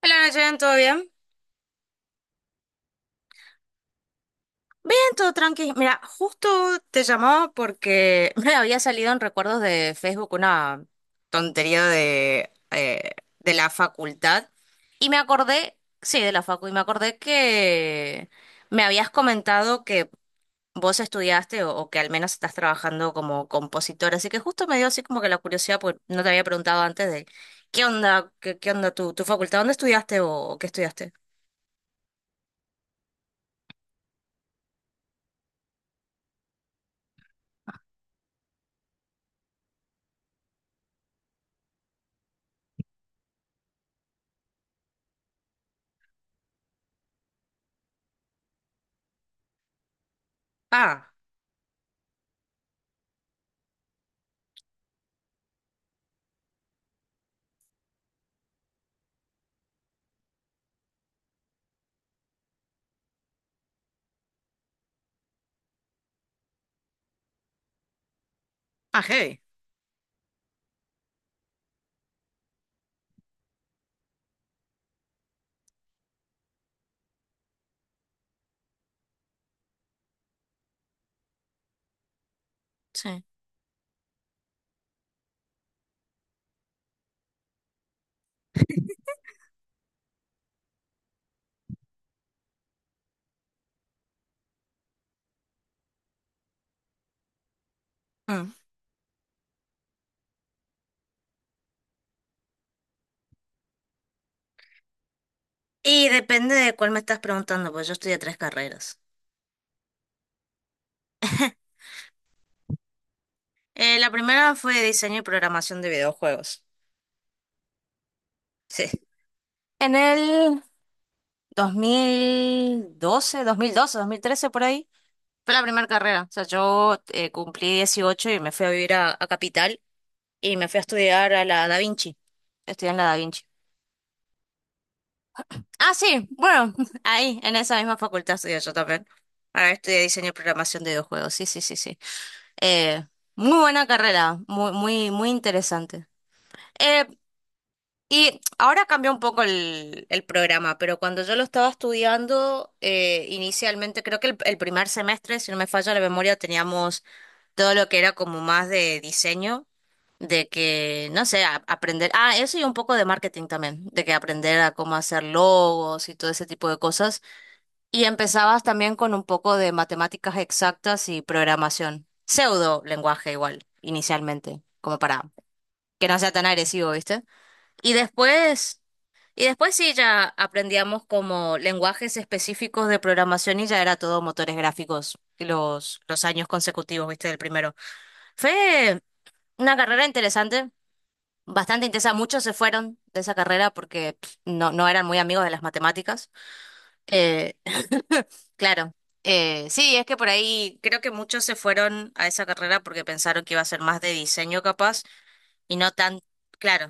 Hola Nayen, ¿todo bien? Bien, todo tranqui. Mira, justo te llamaba porque me había salido en recuerdos de Facebook una tontería de de la facultad y me acordé, sí, de la facu, y me acordé que me habías comentado que vos estudiaste o que al menos estás trabajando como compositor. Así que justo me dio así como que la curiosidad, porque no te había preguntado antes de qué onda, qué onda tu facultad, ¿dónde estudiaste o qué estudiaste? Ah, ah, heavy. Sí. Y depende de cuál me estás preguntando, pues yo estudié tres carreras. La primera fue diseño y programación de videojuegos. Sí. En el 2012, 2012, 2013 por ahí. Fue la primera carrera. O sea, yo cumplí 18 y me fui a vivir a Capital y me fui a estudiar a la Da Vinci. Estudié en la Da Vinci. Ah, sí, bueno, ahí, en esa misma facultad estudié yo también. Ahora estudié diseño y programación de videojuegos. Sí, sí, sí, sí. Eh, Muy buena carrera, muy, muy, muy interesante. Eh, y ahora cambió un poco el programa, pero cuando yo lo estaba estudiando, inicialmente creo que el primer semestre, si no me falla la memoria, teníamos todo lo que era como más de diseño, de que, no sé, aprender, ah, eso y un poco de marketing también, de que aprender a cómo hacer logos y todo ese tipo de cosas. Y empezabas también con un poco de matemáticas exactas y programación, pseudo lenguaje igual, inicialmente, como para que no sea tan agresivo, ¿viste? Y después, y después sí ya aprendíamos como lenguajes específicos de programación y ya era todo motores gráficos los años consecutivos, viste, del primero. Fue una carrera interesante, bastante intensa. Muchos se fueron de esa carrera porque pf, no, no eran muy amigos de las matemáticas. Eh, claro. Sí, es que por ahí creo que muchos se fueron a esa carrera porque pensaron que iba a ser más de diseño capaz y no tan, claro,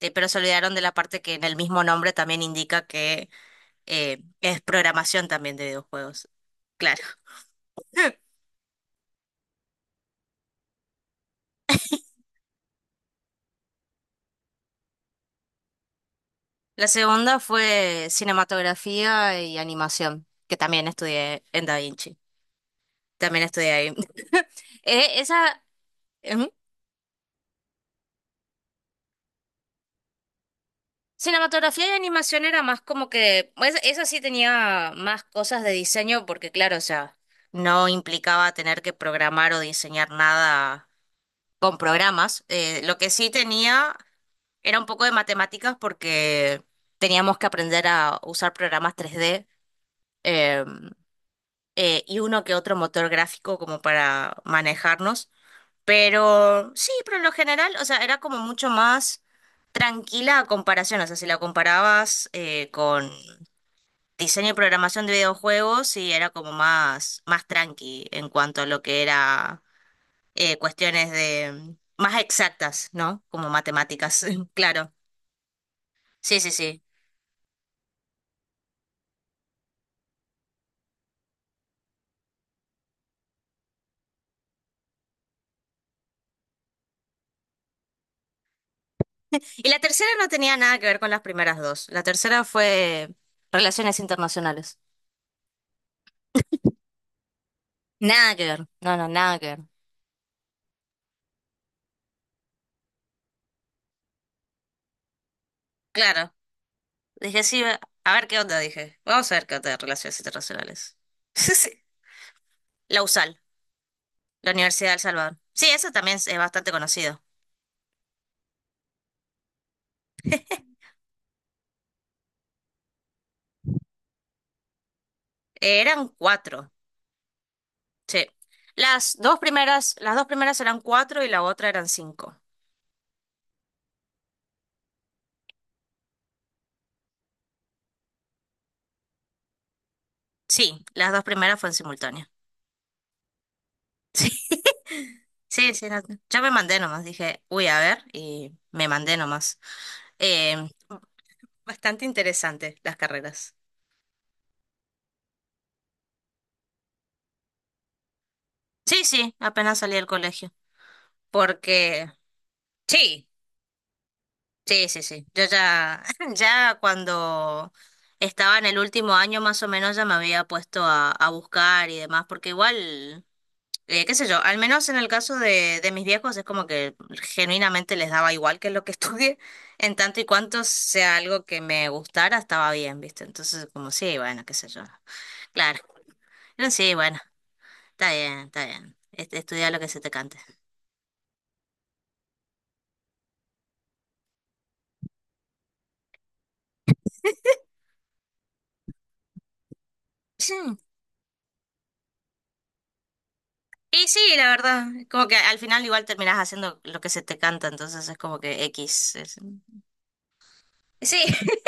pero se olvidaron de la parte que en el mismo nombre también indica que es programación también de videojuegos. Claro. La segunda fue cinematografía y animación, que también estudié en Da Vinci. También estudié ahí. Esa ujú. Cinematografía y animación era más como que, pues, esa sí tenía más cosas de diseño, porque claro, o sea, no implicaba tener que programar o diseñar nada con programas. Lo que sí tenía era un poco de matemáticas porque teníamos que aprender a usar programas tres d em, y uno que otro motor gráfico como para manejarnos. Pero sí, pero en lo general, o sea, era como mucho más tranquila a comparación. O sea, si la comparabas con diseño y programación de videojuegos, sí, era como más, más tranqui en cuanto a lo que era cuestiones de más exactas, ¿no? Como matemáticas, claro. Sí, sí, sí. Y la tercera no tenía nada que ver con las primeras dos. La tercera fue relaciones internacionales. Nada que ver. No, no, nada que ver. Claro, dije sí, a ver qué onda, dije. Vamos a ver qué onda de relaciones internacionales. Sí. La USAL, la Universidad de El Salvador. Sí, eso también es bastante conocido. Eran cuatro, sí. Las dos primeras eran cuatro y la otra eran cinco. Sí, las dos primeras fueron simultáneas. Sí, sí, sí. no- yo me mandé nomás, dije, uy, a ver, y me mandé nomás. Eh, Bastante interesante las carreras. Sí, sí, apenas salí del colegio. Porque sí, sí, sí, sí. Yo ya, ya cuando estaba en el último año más o menos ya me había puesto a buscar y demás, porque igual, qué sé yo, al menos en el caso de mis viejos es como que genuinamente les daba igual que lo que estudié, en tanto y cuanto sea algo que me gustara, estaba bien, ¿viste? Entonces, como sí, bueno, qué sé yo. Claro. Pero sí, bueno, está bien, está bien. Estudia lo que se te cante. Y sí, la verdad, como que al final igual terminás haciendo lo que se te canta, entonces es como que X. Es- Sí,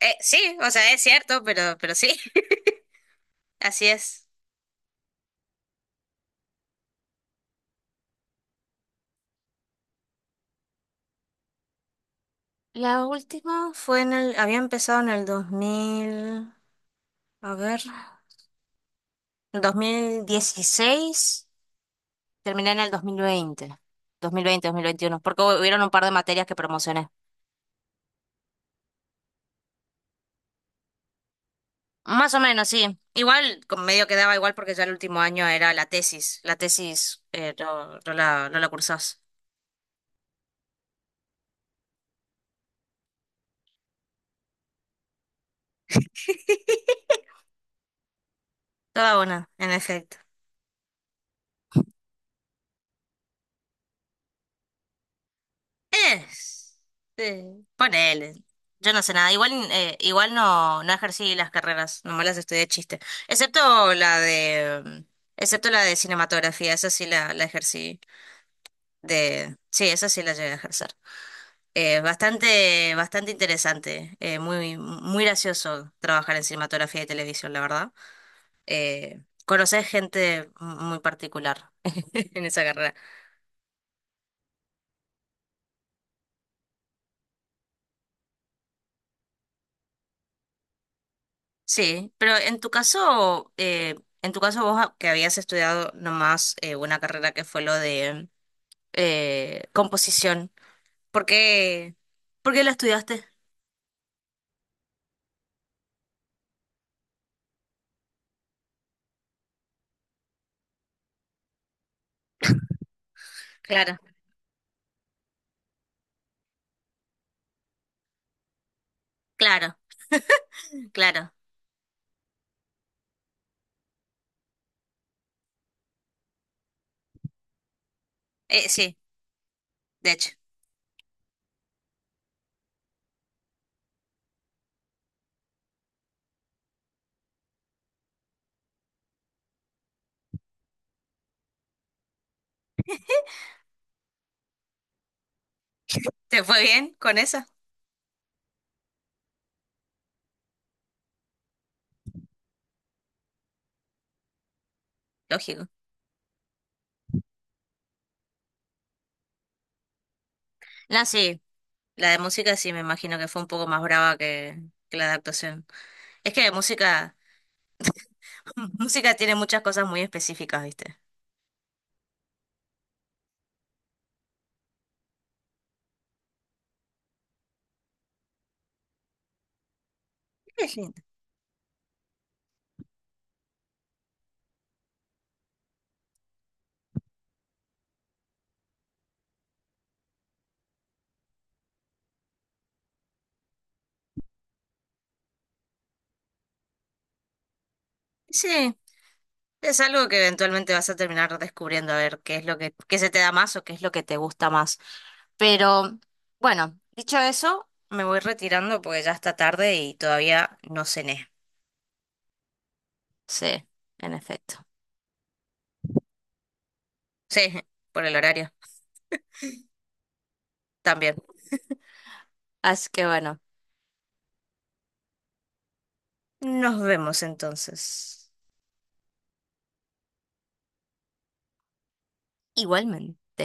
sí, o sea, es cierto, pero sí, así es. La última fue en el, había empezado en el 2000 a ver, dos mil dieciséis, terminé en el dos dos mil mil veinte dos mil veinte dos mil veintiuno porque hubieron un par de materias que promocioné. Más o menos, sí. Igual, medio quedaba igual porque ya el último año era la tesis. La tesis no, no la cursás. Toda una, en efecto. Es. Sí, ponele. Yo no sé nada. Igual, igual no, no ejercí las carreras, nomás las estudié de chiste. Excepto la de, excepto la de cinematografía, esa sí la ejercí de, sí, esa sí la llegué a ejercer. Bastante, bastante interesante, muy, muy gracioso trabajar en cinematografía y televisión, la verdad. Conocer gente muy particular en esa carrera. Sí, pero en tu caso vos que habías estudiado nomás una carrera que fue lo de composición, ¿por qué, por qué la estudiaste? Claro, claro, claro. Sí, de hecho, ¿te fue bien con esa? Lógico. No, sí, la de música sí me imagino que fue un poco más brava que la de actuación. Es que música, música tiene muchas cosas muy específicas, ¿viste? Es lindo. Sí, es algo que eventualmente vas a terminar descubriendo a ver qué es lo que, qué se te da más o qué es lo que te gusta más. Pero bueno, dicho eso, me voy retirando porque ya está tarde y todavía no cené. Sí, en efecto. Sí, por el horario también. Así que bueno, nos vemos entonces. Igualmente.